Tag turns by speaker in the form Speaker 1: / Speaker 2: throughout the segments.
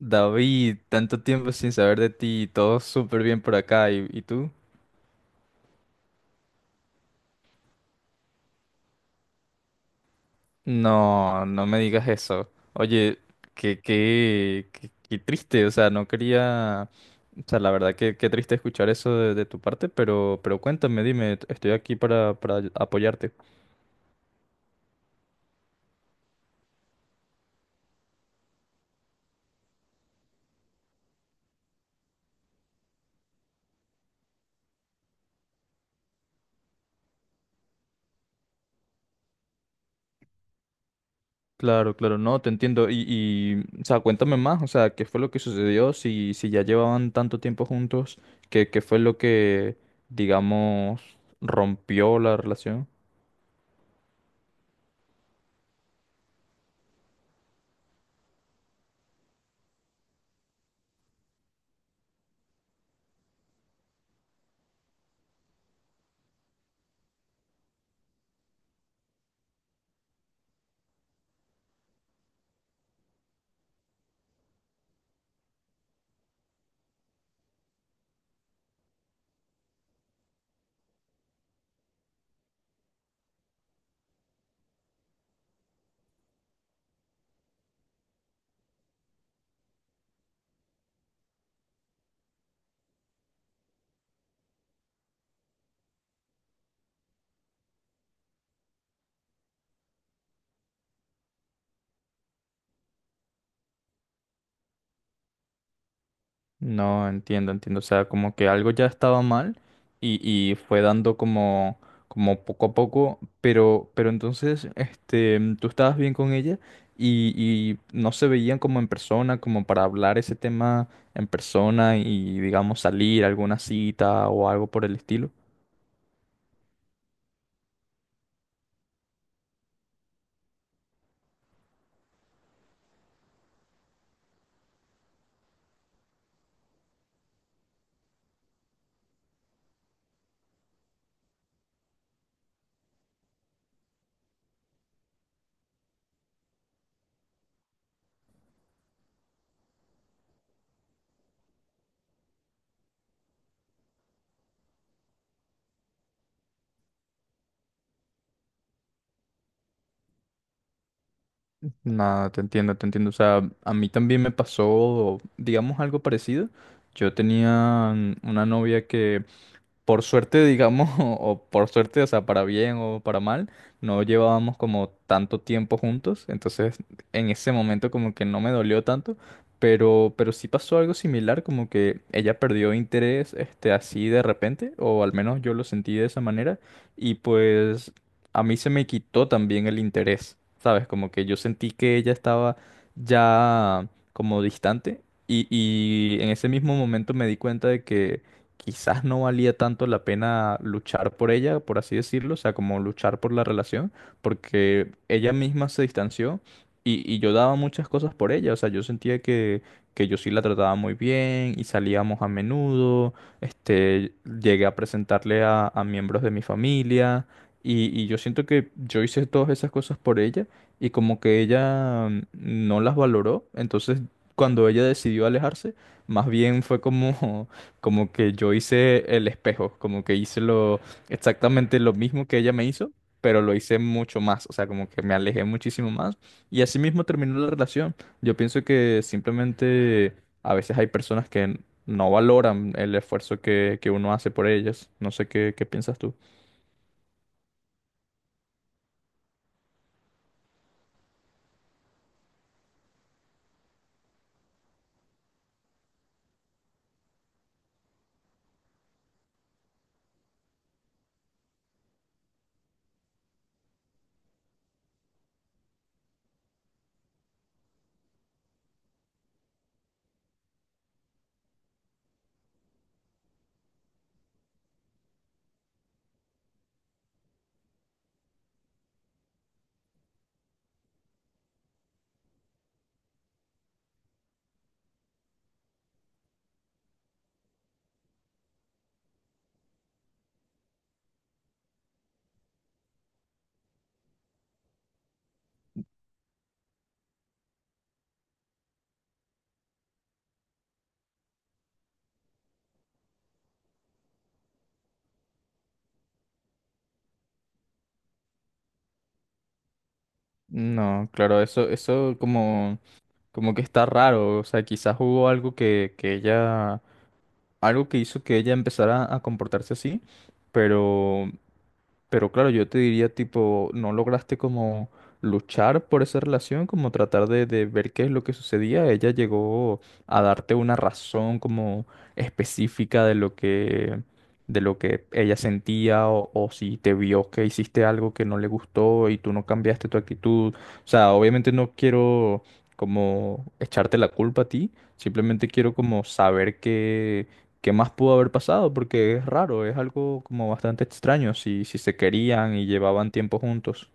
Speaker 1: David, tanto tiempo sin saber de ti, todo súper bien por acá, ¿y tú? No, no me digas eso. Oye, qué triste, o sea, no quería, o sea, la verdad que qué triste escuchar eso de tu parte, pero cuéntame, dime, estoy aquí para apoyarte. Claro, claro, no, te entiendo, y o sea, cuéntame más, o sea, qué fue lo que sucedió, si ya llevaban tanto tiempo juntos, qué fue lo que, digamos, rompió la relación. No, entiendo, entiendo. O sea, como que algo ya estaba mal y, y fue dando como, como poco a poco, pero entonces, tú estabas bien con ella y no se veían como en persona, como para hablar ese tema en persona y, digamos, salir a alguna cita o algo por el estilo. No, te entiendo, te entiendo. O sea, a mí también me pasó, digamos, algo parecido. Yo tenía una novia que por suerte, digamos, o por suerte, o sea, para bien o para mal, no llevábamos como tanto tiempo juntos, entonces en ese momento como que no me dolió tanto, pero sí pasó algo similar, como que ella perdió interés, este, así de repente, o al menos yo lo sentí de esa manera, y pues a mí se me quitó también el interés, ¿sabes? Como que yo sentí que ella estaba ya como distante. Y en ese mismo momento me di cuenta de que quizás no valía tanto la pena luchar por ella, por así decirlo, o sea, como luchar por la relación, porque ella misma se distanció y yo daba muchas cosas por ella, o sea, yo sentía que yo sí la trataba muy bien y salíamos a menudo, este, llegué a presentarle a miembros de mi familia y yo siento que yo hice todas esas cosas por ella y como que ella no las valoró, entonces cuando ella decidió alejarse, más bien fue como... Como que yo hice el espejo, como que hice lo exactamente lo mismo que ella me hizo, pero lo hice mucho más, o sea, como que me alejé muchísimo más y así mismo terminó la relación. Yo pienso que simplemente a veces hay personas que no valoran el esfuerzo que uno hace por ellas. No sé qué piensas tú. No, claro, eso como, como que está raro. O sea, quizás hubo algo que ella, algo que hizo que ella empezara a comportarse así, pero Pero claro, yo te diría tipo, ¿no lograste como luchar por esa relación, como tratar de ver qué es lo que sucedía? Ella llegó a darte una razón como específica de lo que ella sentía o si te vio que hiciste algo que no le gustó y tú no cambiaste tu actitud. O sea, obviamente no quiero como echarte la culpa a ti, simplemente quiero como saber ¿qué más pudo haber pasado? Porque es raro, es algo como bastante extraño si se querían y llevaban tiempo juntos.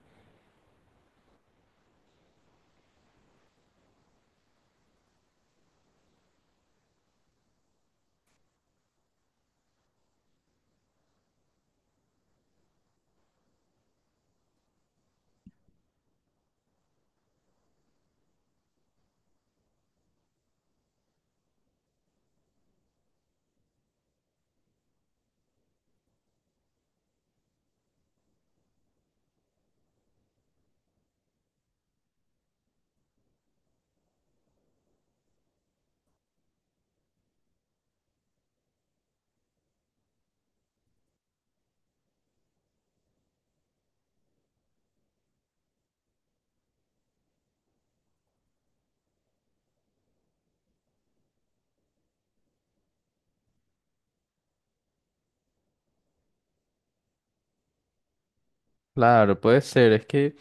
Speaker 1: Claro, puede ser, es que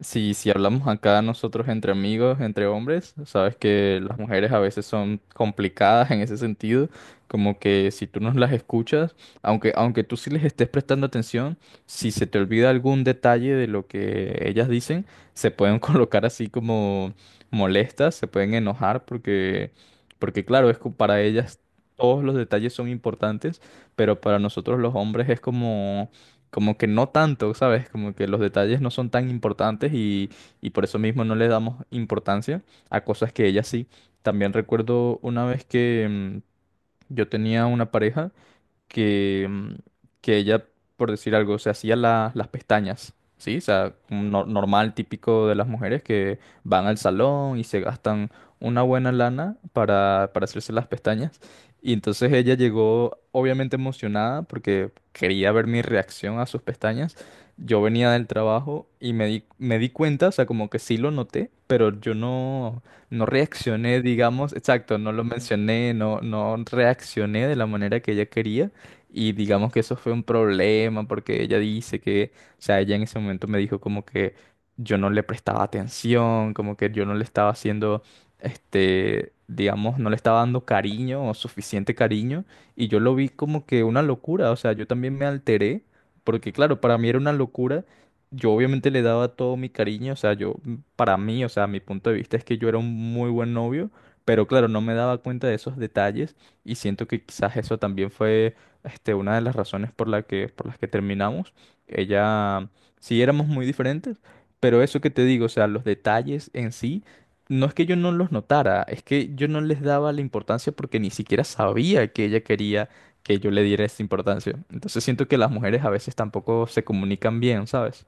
Speaker 1: si hablamos acá nosotros entre amigos, entre hombres, sabes que las mujeres a veces son complicadas en ese sentido, como que si tú no las escuchas, aunque tú sí les estés prestando atención, si se te olvida algún detalle de lo que ellas dicen, se pueden colocar así como molestas, se pueden enojar porque, porque claro, es que para ellas todos los detalles son importantes, pero para nosotros los hombres es como como que no tanto, ¿sabes? Como que los detalles no son tan importantes y por eso mismo no le damos importancia a cosas que ella sí. También recuerdo una vez que yo tenía una pareja que, que ella, por decir algo, las pestañas, ¿sí? O sea, un normal, típico de las mujeres que van al salón y se gastan una buena lana para hacerse las pestañas. Y entonces ella llegó obviamente emocionada porque quería ver mi reacción a sus pestañas. Yo venía del trabajo y me di cuenta, o sea, como que sí lo noté, pero yo no, no reaccioné, digamos, exacto, no lo mencioné, no, no reaccioné de la manera que ella quería. Y digamos que eso fue un problema porque ella dice que, o sea, ella en ese momento me dijo como que yo no le prestaba atención, como que yo no le estaba haciendo, este, digamos, no le estaba dando cariño o suficiente cariño. Y yo lo vi como que una locura, o sea, yo también me alteré porque, claro, para mí era una locura. Yo obviamente le daba todo mi cariño, o sea, yo, para mí, o sea, mi punto de vista es que yo era un muy buen novio, pero claro, no me daba cuenta de esos detalles y siento que quizás eso también fue este, una de las razones por la que, por las que terminamos. Ella, sí éramos muy diferentes, pero eso que te digo, o sea, los detalles en sí, no es que yo no los notara, es que yo no les daba la importancia porque ni siquiera sabía que ella quería que yo le diera esa importancia. Entonces siento que las mujeres a veces tampoco se comunican bien, ¿sabes?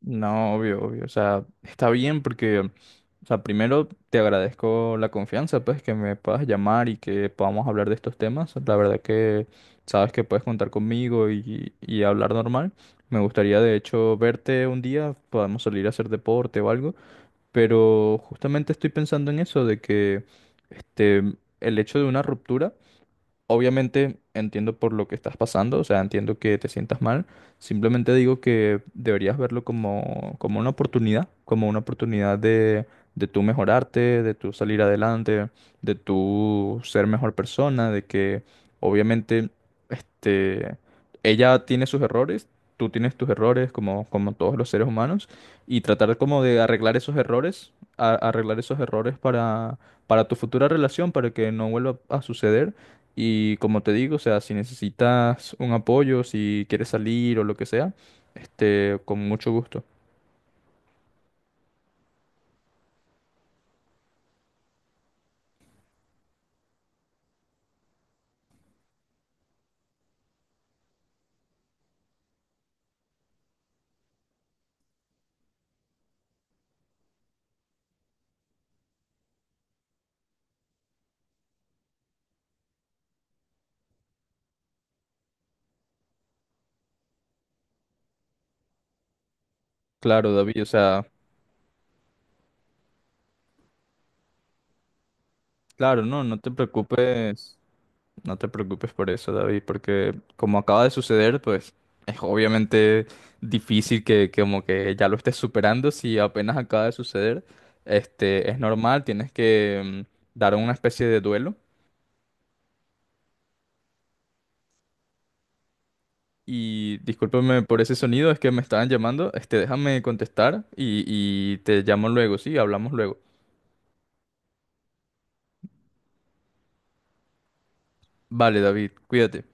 Speaker 1: No, obvio, obvio. O sea, está bien porque o sea, primero te agradezco la confianza, pues, que me puedas llamar y que podamos hablar de estos temas. La verdad que sabes que puedes contar conmigo y hablar normal. Me gustaría, de hecho, verte un día, podemos salir a hacer deporte o algo, pero justamente estoy pensando en eso, de que este, el hecho de una ruptura obviamente entiendo por lo que estás pasando, o sea, entiendo que te sientas mal. Simplemente digo que deberías verlo como, como una oportunidad de tú mejorarte, de tú salir adelante, de tú ser mejor persona, de que obviamente este, ella tiene sus errores, tú tienes tus errores como, como todos los seres humanos y tratar como de arreglar esos errores, arreglar esos errores para tu futura relación, para que no vuelva a suceder y como te digo, o sea, si necesitas un apoyo, si quieres salir o lo que sea, este, con mucho gusto. Claro, David, o sea, claro, no, no te preocupes, no te preocupes por eso, David, porque como acaba de suceder, pues es obviamente difícil que como que ya lo estés superando si apenas acaba de suceder. Este, es normal, tienes que dar una especie de duelo y discúlpame por ese sonido, es que me estaban llamando. Este, déjame contestar y te llamo luego, sí, hablamos luego. Vale, David, cuídate.